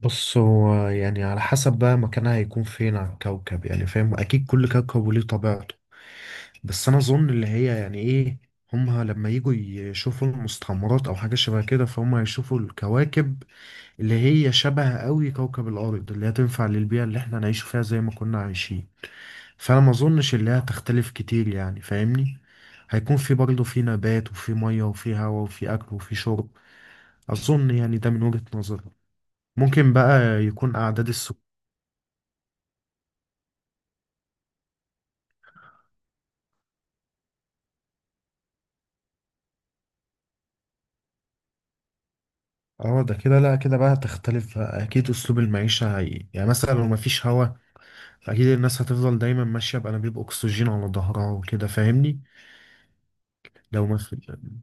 بص هو يعني على حسب بقى مكانها هيكون فين على الكوكب، يعني فاهم، اكيد كل كوكب وليه طبيعته. بس انا اظن اللي هي يعني ايه، هما لما يجوا يشوفوا المستعمرات او حاجه شبه كده، فهم هيشوفوا الكواكب اللي هي شبه قوي كوكب الارض، اللي هي تنفع للبيئه اللي احنا نعيش فيها زي ما كنا عايشين. فانا ما اظنش اللي هي هتختلف كتير، يعني فاهمني، هيكون في برضه في نبات وفي ميه وفي هواء وفي اكل وفي شرب. اظن يعني ده من وجهه نظري. ممكن بقى يكون أعداد السكان. اه ده كده، لا كده بقى تختلف بقى. اكيد اسلوب المعيشه هي يعني مثلا لو مفيش هوا، فاكيد الناس هتفضل دايما ماشيه بانابيب اكسجين على ظهرها وكده، فاهمني. لو ما في يعني،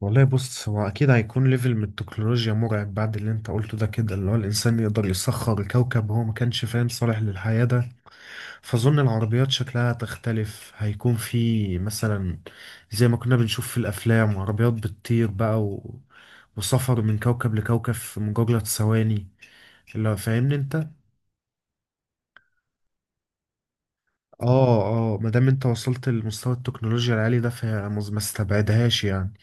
والله بص هو اكيد هيكون ليفل من التكنولوجيا مرعب بعد اللي انت قلته ده كده، اللي هو الانسان يقدر يسخر كوكب هو ما كانش فاهم صالح للحياه ده. فاظن العربيات شكلها هتختلف، هيكون في مثلا، زي ما كنا بنشوف في الافلام، عربيات بتطير بقى و... وسفر من كوكب لكوكب في مجرد ثواني، لو فاهمني انت. اه. اه ما دام انت وصلت لمستوى التكنولوجيا العالي ده فهي ما استبعدهاش يعني.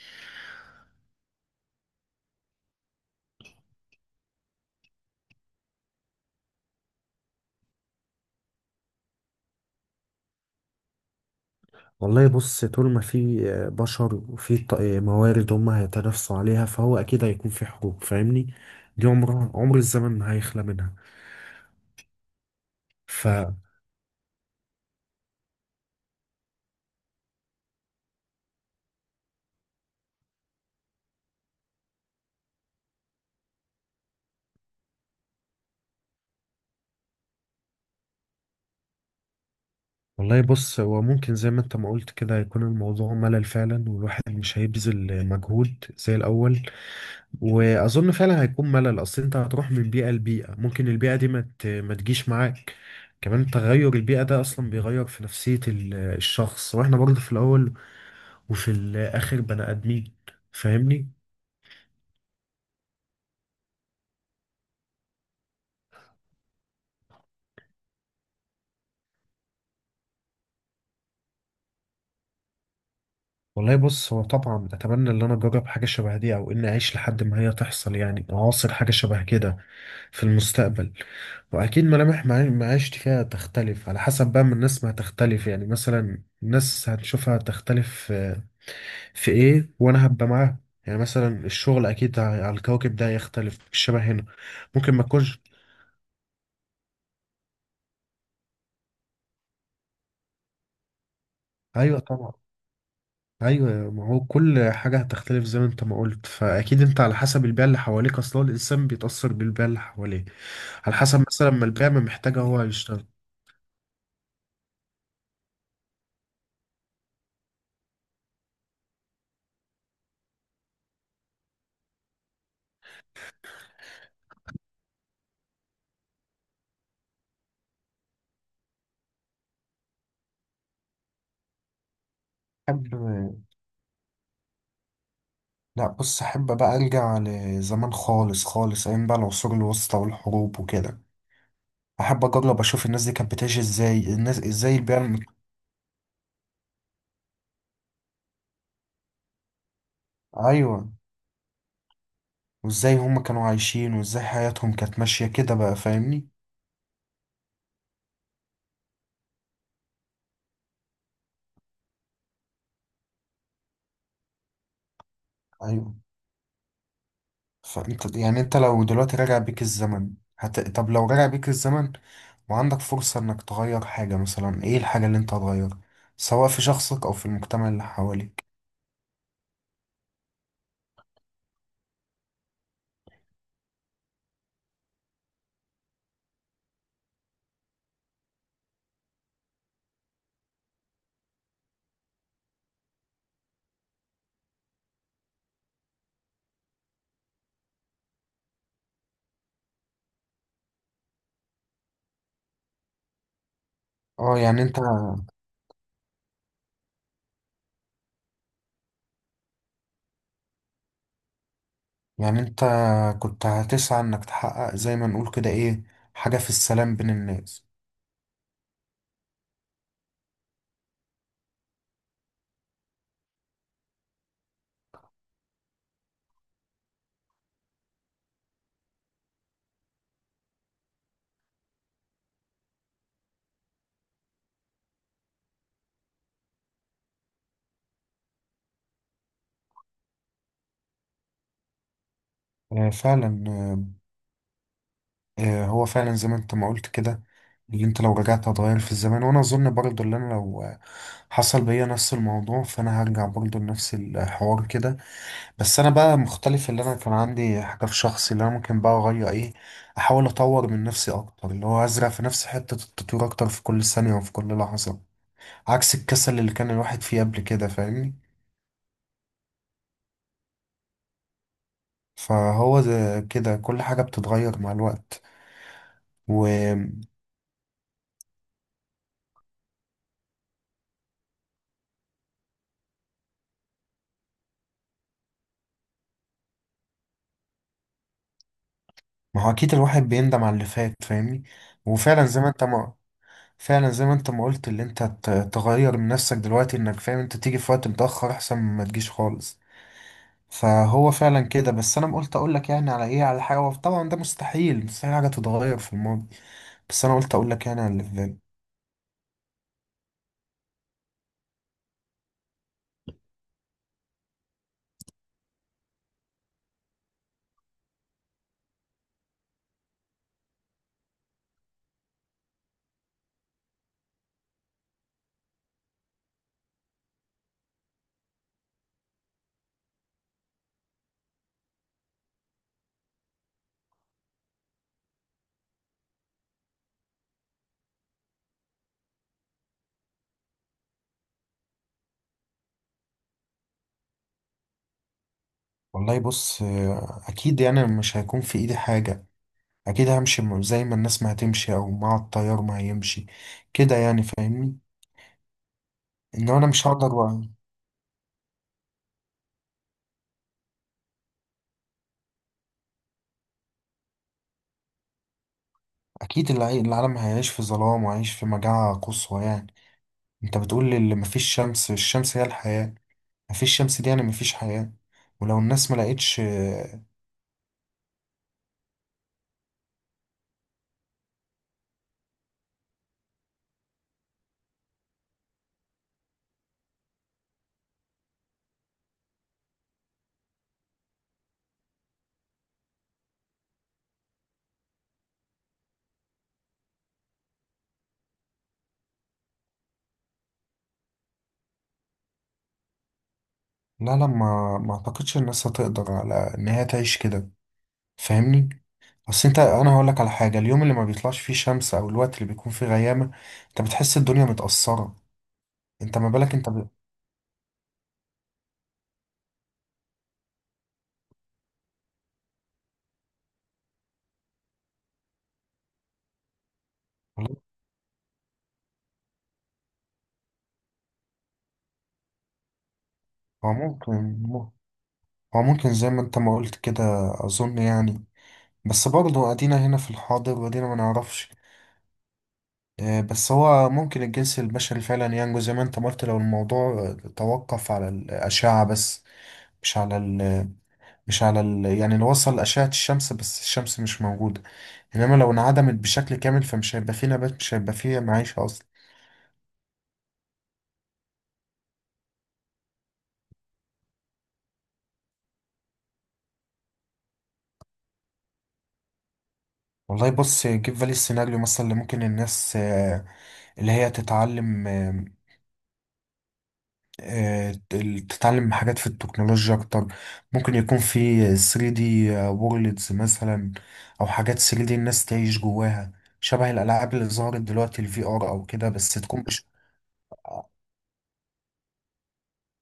والله بص طول ما في بشر وفي موارد هم هيتنافسوا عليها، فهو اكيد هيكون في حروب، فاهمني. دي عمرها عمر الزمن، ما هيخلى منها. ف والله بص هو ممكن زي ما انت ما قلت كده يكون الموضوع ملل فعلا، والواحد مش هيبذل مجهود زي الاول. واظن فعلا هيكون ملل، اصل انت هتروح من بيئه لبيئه، ممكن البيئه دي ما تجيش معاك. كمان تغير البيئه ده اصلا بيغير في نفسيه الشخص، واحنا برضه في الاول وفي الاخر بني ادمين، فاهمني. والله بص هو طبعا اتمنى ان انا اجرب حاجه شبه دي او اني اعيش لحد ما هي تحصل، يعني اعاصر حاجه شبه كده في المستقبل. واكيد ملامح معيشتي فيها تختلف على حسب بقى من الناس، ما هتختلف يعني مثلا الناس هتشوفها تختلف في في ايه وانا هبقى معاها. يعني مثلا الشغل اكيد على الكوكب ده يختلف، مش شبه هنا. ممكن ما تكونش. ايوه طبعا. ايوه، ما هو كل حاجه هتختلف زي ما انت ما قلت، فاكيد انت على حسب البيئه اللي حواليك، اصلا الانسان بيتاثر بالبيئه اللي حواليه، على حسب مثلا ما البيئه ما محتاجه هو يشتغل. حد، لا بص احب بقى ارجع لزمان خالص خالص، ايام بقى العصور الوسطى والحروب وكده. احب اجرب اشوف الناس دي كانت بتعيش ازاي، الناس ازاي، البيئة. ايوه. وازاي هم كانوا عايشين، وازاي حياتهم كانت ماشية كده بقى، فاهمني. ايوه. فانت يعني، انت لو دلوقتي راجع بيك الزمن، طب لو راجع بيك الزمن وعندك فرصة انك تغير حاجة، مثلا ايه الحاجة اللي انت هتغيرها، سواء في شخصك او في المجتمع اللي حواليك. اه يعني انت، يعني انت كنت هتسعى انك تحقق زي ما نقول كده ايه، حاجة في السلام بين الناس. آه، فعلا آه، آه، هو فعلا زي ما انت ما قلت كده، اللي انت لو رجعت هتغير في الزمان، وانا اظن برضو اللي انا لو حصل بيا نفس الموضوع فانا هرجع برضو لنفس الحوار كده. بس انا بقى مختلف، اللي انا كان عندي حاجة في شخصي اللي انا ممكن بقى اغير، ايه، احاول اطور من نفسي اكتر، اللي هو ازرع في نفسي حتة التطوير اكتر في كل ثانية وفي كل لحظة، عكس الكسل اللي كان الواحد فيه قبل كده، فاهمني. فهو زي كده كل حاجة بتتغير مع الوقت. وما هو أكيد الواحد بيندم على اللي فات، فاهمني. وفعلا زي ما أنت ما فعلا زي ما أنت ما قلت، اللي أنت تغير من نفسك دلوقتي إنك فاهم أنت تيجي في وقت متأخر أحسن ما تجيش خالص. فهو فعلا كده، بس أنا قلت أقول لك يعني على إيه، على حاجة طبعا ده مستحيل، حاجة تتغير في الماضي، بس أنا قلت أقول لك يعني على اللي في بالي. والله بص أكيد يعني مش هيكون في إيدي حاجة. اكيد همشي زي ما الناس ما هتمشي او مع التيار ما هيمشي كده، يعني فاهمني. انما انا مش هقدر بقى. اكيد العالم هيعيش في ظلام وهيعيش في مجاعة قصوى يعني. انت بتقول لي اللي مفيش شمس، الشمس هي الحياة، مفيش شمس دي يعني مفيش حياة. ولو الناس ما لقيتش. لا، ما اعتقدش الناس هتقدر على ان هي تعيش كده، فاهمني. اصل انت انا هقول لك على حاجة، اليوم اللي ما بيطلعش فيه شمس او الوقت اللي بيكون فيه غيامة، انت بتحس الدنيا متأثرة، انت ما بالك انت هو ممكن، هو ممكن زي ما انت ما قلت كده. اظن يعني، بس برضه ادينا هنا في الحاضر وادينا ما نعرفش. بس هو ممكن الجنس البشري فعلا ينجو زي ما انت ما قلت، لو الموضوع توقف على الأشعة بس، مش على ال مش على ال، يعني لو وصل لأشعة الشمس بس الشمس مش موجودة، انما لو انعدمت بشكل كامل فمش هيبقى فيه نبات، مش هيبقى فيه معيشة اصلا. والله بص جيب بالي السيناريو مثلا اللي ممكن الناس اللي هي تتعلم، تتعلم حاجات في التكنولوجيا اكتر. ممكن يكون في 3D وورلدز مثلا، او حاجات 3D الناس تعيش جواها، شبه الالعاب اللي ظهرت دلوقتي الفي ار او كده، بس تكون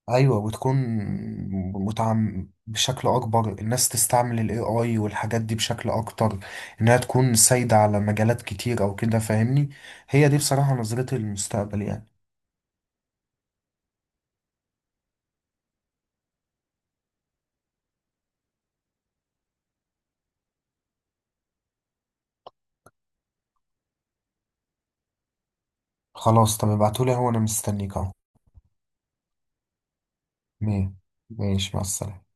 ايوه، وتكون متعم بشكل اكبر، الناس تستعمل الاي اي والحاجات دي بشكل اكتر، انها تكون سايدة على مجالات كتير او كده، فاهمني. هي دي بصراحة نظرتي للمستقبل يعني. خلاص طب ابعتولي، هو انا مستنيك اهو. مية. ماشي مع السلامة.